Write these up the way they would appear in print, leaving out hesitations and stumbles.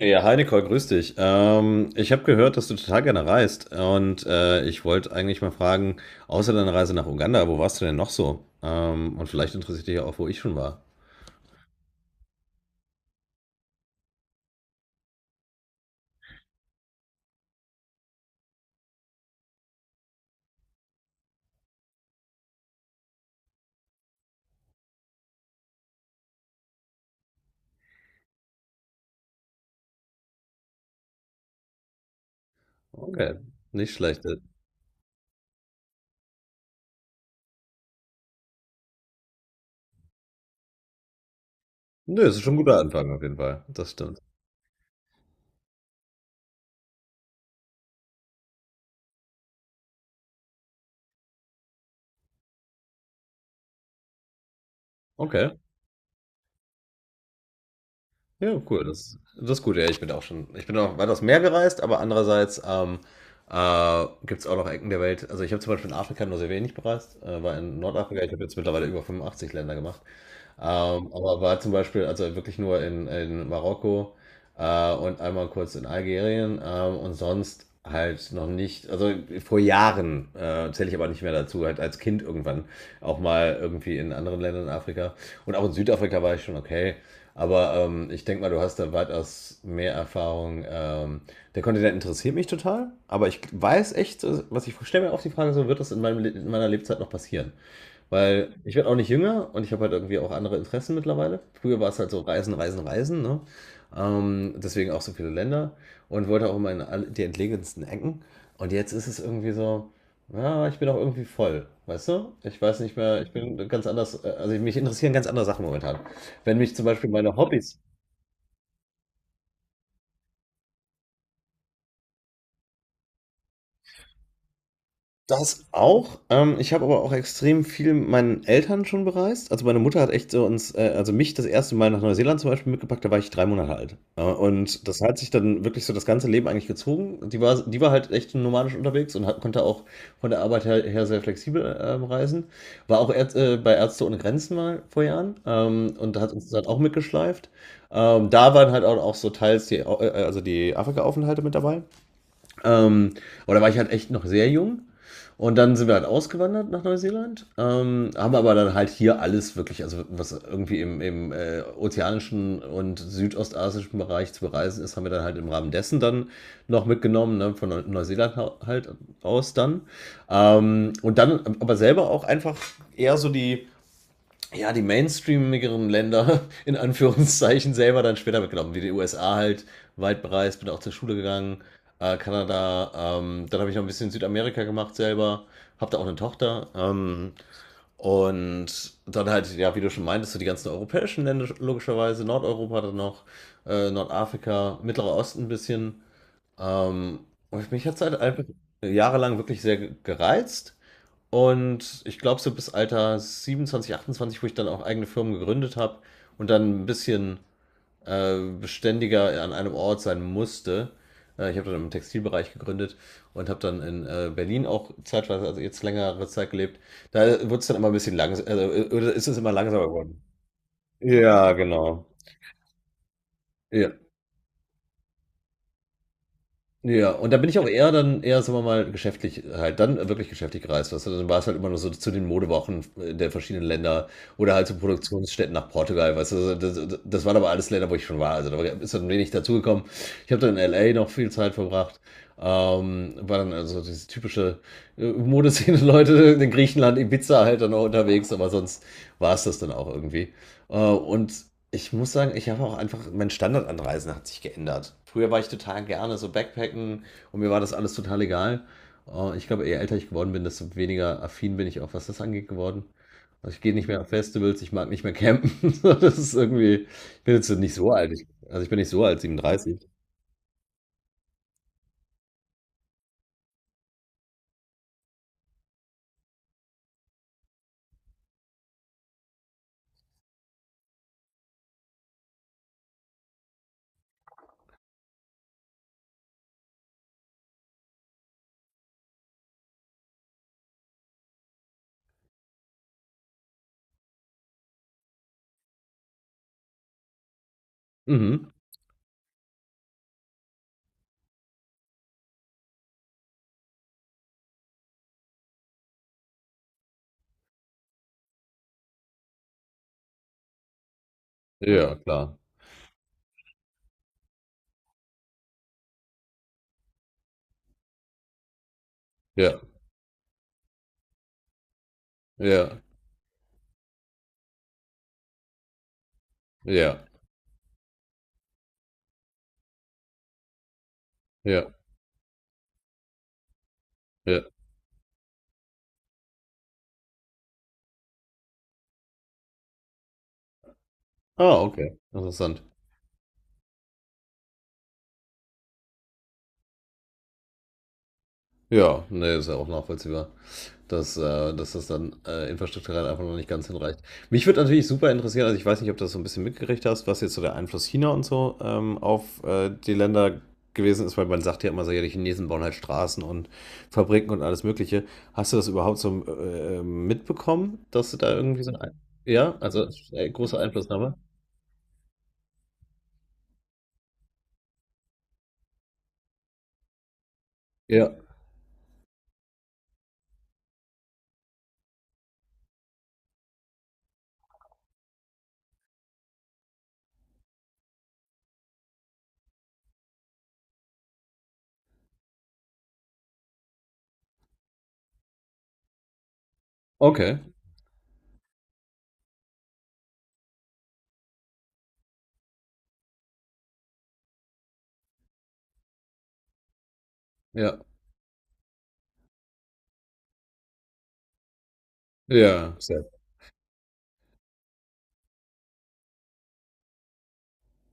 Ja, hi grüß dich. Ich habe gehört, dass du total gerne reist und ich wollte eigentlich mal fragen, außer deiner Reise nach Uganda, wo warst du denn noch so? Und vielleicht interessiert dich ja auch, wo ich schon war. Okay, nicht schlecht. Nö, es ist schon ein guter Anfang auf jeden Fall. Das stimmt. Okay, ja, cool. Das ist gut. Ja, ich bin auch weitaus mehr gereist, aber andererseits gibt es auch noch Ecken der Welt. Also ich habe zum Beispiel in Afrika nur sehr wenig bereist, war in Nordafrika. Ich habe jetzt mittlerweile über 85 Länder gemacht. Aber war zum Beispiel, also wirklich nur in Marokko und einmal kurz in Algerien und sonst halt noch nicht, also vor Jahren zähle ich aber nicht mehr dazu, halt als Kind irgendwann auch mal irgendwie in anderen Ländern in Afrika und auch in Südafrika war ich schon okay. Aber ich denke mal, du hast da weitaus mehr Erfahrung. Der Kontinent interessiert mich total, aber ich weiß echt, was ich stelle mir auch die Frage, so wird das in meiner Lebzeit noch passieren? Weil ich werde auch nicht jünger und ich habe halt irgendwie auch andere Interessen mittlerweile. Früher war es halt so Reisen, Reisen, Reisen, ne? Deswegen auch so viele Länder und wollte auch immer die entlegensten Ecken. Und jetzt ist es irgendwie so, ja, ich bin auch irgendwie voll, weißt du? Ich weiß nicht mehr, ich bin ganz anders, also mich interessieren ganz andere Sachen momentan. Wenn mich zum Beispiel meine Hobbys, das auch. Ich habe aber auch extrem viel mit meinen Eltern schon bereist. Also meine Mutter hat echt so uns, also mich das erste Mal nach Neuseeland zum Beispiel mitgepackt, da war ich drei Monate alt. Und das hat sich dann wirklich so das ganze Leben eigentlich gezogen. Die war halt echt nomadisch unterwegs konnte auch von der her sehr flexibel reisen. War auch bei Ärzte ohne Grenzen mal vor Jahren und hat uns dann auch mitgeschleift. Da waren halt auch, auch so teils die, Au- also die Afrika-Aufenthalte mit dabei. Ähm, aber da war ich halt echt noch sehr jung. Und dann sind wir halt ausgewandert nach Neuseeland, haben aber dann halt hier alles wirklich, also was irgendwie im ozeanischen und südostasischen Bereich zu bereisen ist, haben wir dann halt im Rahmen dessen dann noch mitgenommen, ne, von Neuseeland halt aus dann. Und dann aber selber auch einfach eher so die, ja, die mainstreamigeren Länder in Anführungszeichen selber dann später mitgenommen, wie die USA halt, weit bereist, bin auch zur Schule gegangen, Kanada, dann habe ich noch ein bisschen Südamerika gemacht selber, habe da auch eine Tochter und dann halt, ja, wie du schon meintest, so die ganzen europäischen Länder logischerweise, Nordeuropa dann noch, Nordafrika, Mittlerer Osten ein bisschen ähm, und mich hat es halt einfach jahrelang wirklich sehr gereizt und ich glaube, so bis Alter 27, 28, wo ich dann auch eigene Firmen gegründet habe und dann ein bisschen beständiger an einem Ort sein musste. Ich habe dann im Textilbereich gegründet und habe dann in Berlin auch zeitweise, also jetzt längere Zeit gelebt. Da wurde es dann immer ein bisschen langsam, ist es immer langsamer geworden. Ja, genau. Ja. Ja, und da bin ich auch eher, sagen wir mal, geschäftlich halt, dann wirklich geschäftlich gereist. Weißt du, dann war es halt immer nur so zu den Modewochen der verschiedenen Länder oder halt zu Produktionsstätten nach Portugal, weißt du, das waren aber alles Länder, wo ich schon war. Also ist dann wenig dazugekommen. Ich habe dann in LA noch viel Zeit verbracht. War dann also diese typische Modeszene-Leute in Griechenland, Ibiza halt dann auch unterwegs, aber sonst war es das dann auch irgendwie. Äh, und Ich muss sagen, ich habe auch einfach, mein Standard an Reisen hat sich geändert. Früher war ich total gerne so Backpacken und mir war das alles total egal. Ich glaube, je älter ich geworden bin, desto weniger affin bin ich auch, was das angeht, geworden. Also ich gehe nicht mehr auf Festivals, ich mag nicht mehr campen. So, das ist irgendwie, ich bin jetzt nicht so alt. Ich bin nicht so alt, 37. Mhm. Ja, klar. Ja, ja, ja, ja, ja. Ah, okay. Interessant. Ja, nee, ist ja auch nachvollziehbar. Dass, dass das dann infrastrukturell einfach noch nicht ganz hinreicht. Mich würde natürlich super interessieren, also ich weiß nicht, ob du das so ein bisschen mitgekriegt hast, was jetzt so der Einfluss China und so auf die Länder gewesen ist, weil man sagt ja immer so, ja, die Chinesen bauen halt Straßen und Fabriken und alles Mögliche. Hast du das überhaupt so mitbekommen, dass du da irgendwie so ein... Ja, also große Einflussnahme? Ja, okay. Ja, ja, sehr.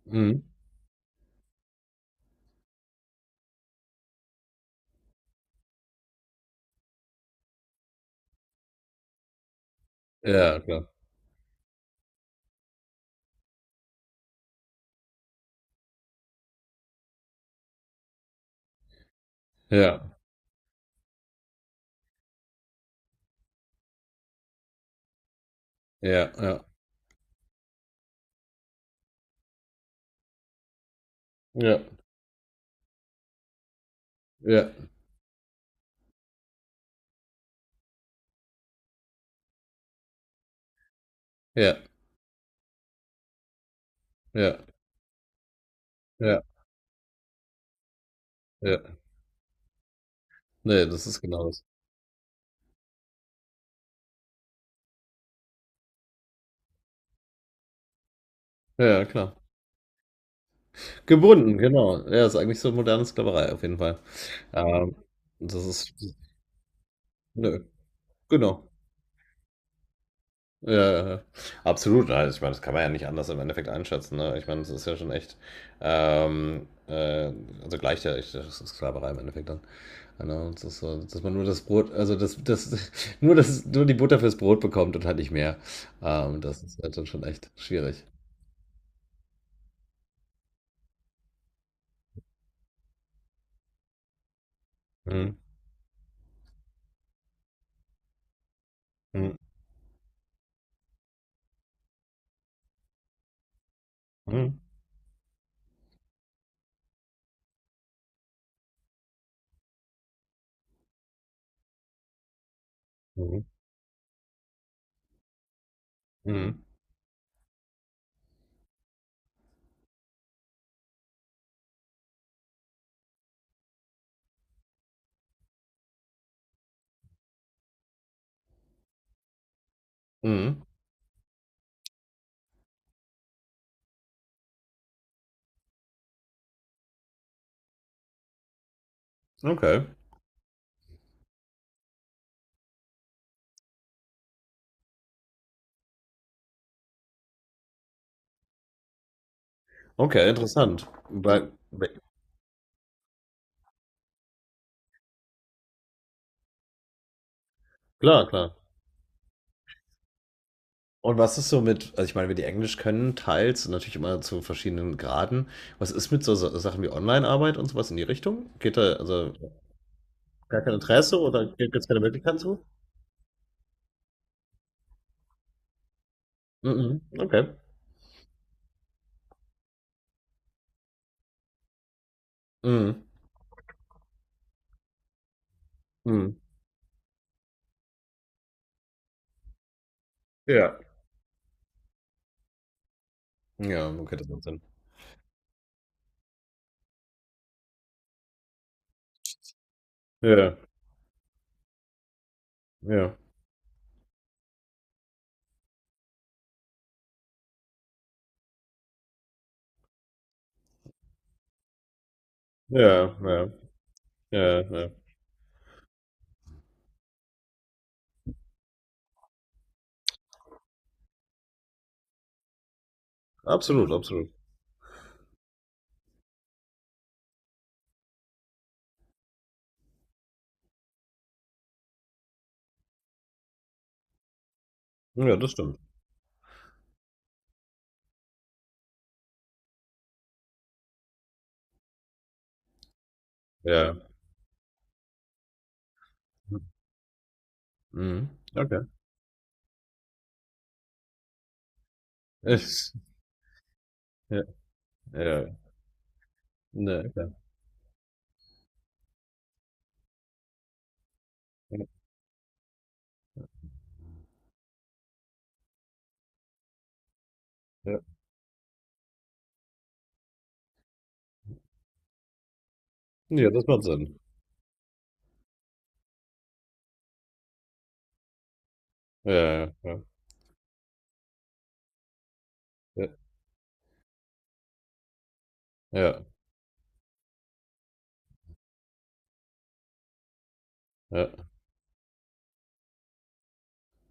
Mhm. Ja, klar. Ja, ja, ja, ja, ja, ja, ja, ja, ja. Ne, das ist genau das. Ja, ja, klar. Gebunden, genau. Ja, ist eigentlich so moderne Sklaverei auf jeden Fall. Ähm, das ist Ne, genau. Ja, ja, ja. Absolut. Also, ich meine, das kann man ja nicht anders im Endeffekt einschätzen, ne? Ich meine, das ist ja schon echt, ähm, äh, also gleicht ja echt, das ist Sklaverei im Endeffekt dann. Ja, ne? Und das ist so, dass man nur das nur nur die Butter fürs Brot bekommt und halt nicht mehr. Das ist halt dann schon echt schwierig. Mhm. Mhm. Mhm. Mhm. Mhm. Mhm. Okay. Okay, interessant. Klar, klar. Und was ist so mit, also ich meine, wir die Englisch können, teils, natürlich immer zu verschiedenen Graden. Was ist mit so Sachen wie Online-Arbeit und sowas in die Richtung? Geht da also gar kein Interesse oder gibt es keine Möglichkeiten zu? Mhm. Okay. Mhm. Mhm. Ja. Ja, okay, das macht Sinn. Ja, ja, ja, ja, ja, ja. Absolut, absolut. Ja, das stimmt. Ja. Mhm. Okay. Ich, ja, ja, ne, okay. Ja, das macht Sinn. Ja, ja, ja, ja, ja, ja.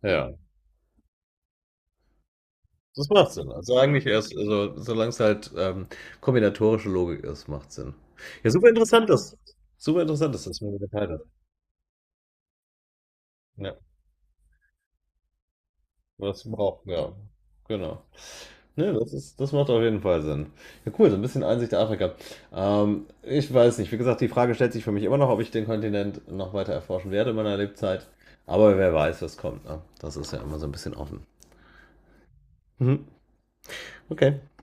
Ja. Das macht Sinn. Also eigentlich erst, also solange es halt kombinatorische Logik ist, macht Sinn. Ja, super interessant ist. Super interessant ist, dass man geteilt hat. Ja, was man braucht, ja. Genau. Ne, das ist, das macht auf jeden Fall Sinn. Ja, cool, so ein bisschen Einsicht in Afrika. Ich weiß nicht. Wie gesagt, die Frage stellt sich für mich immer noch, ob ich den Kontinent noch weiter erforschen werde in meiner Lebzeit. Aber wer weiß, was kommt. Ne? Das ist ja immer so ein bisschen offen. Mhm. Okay.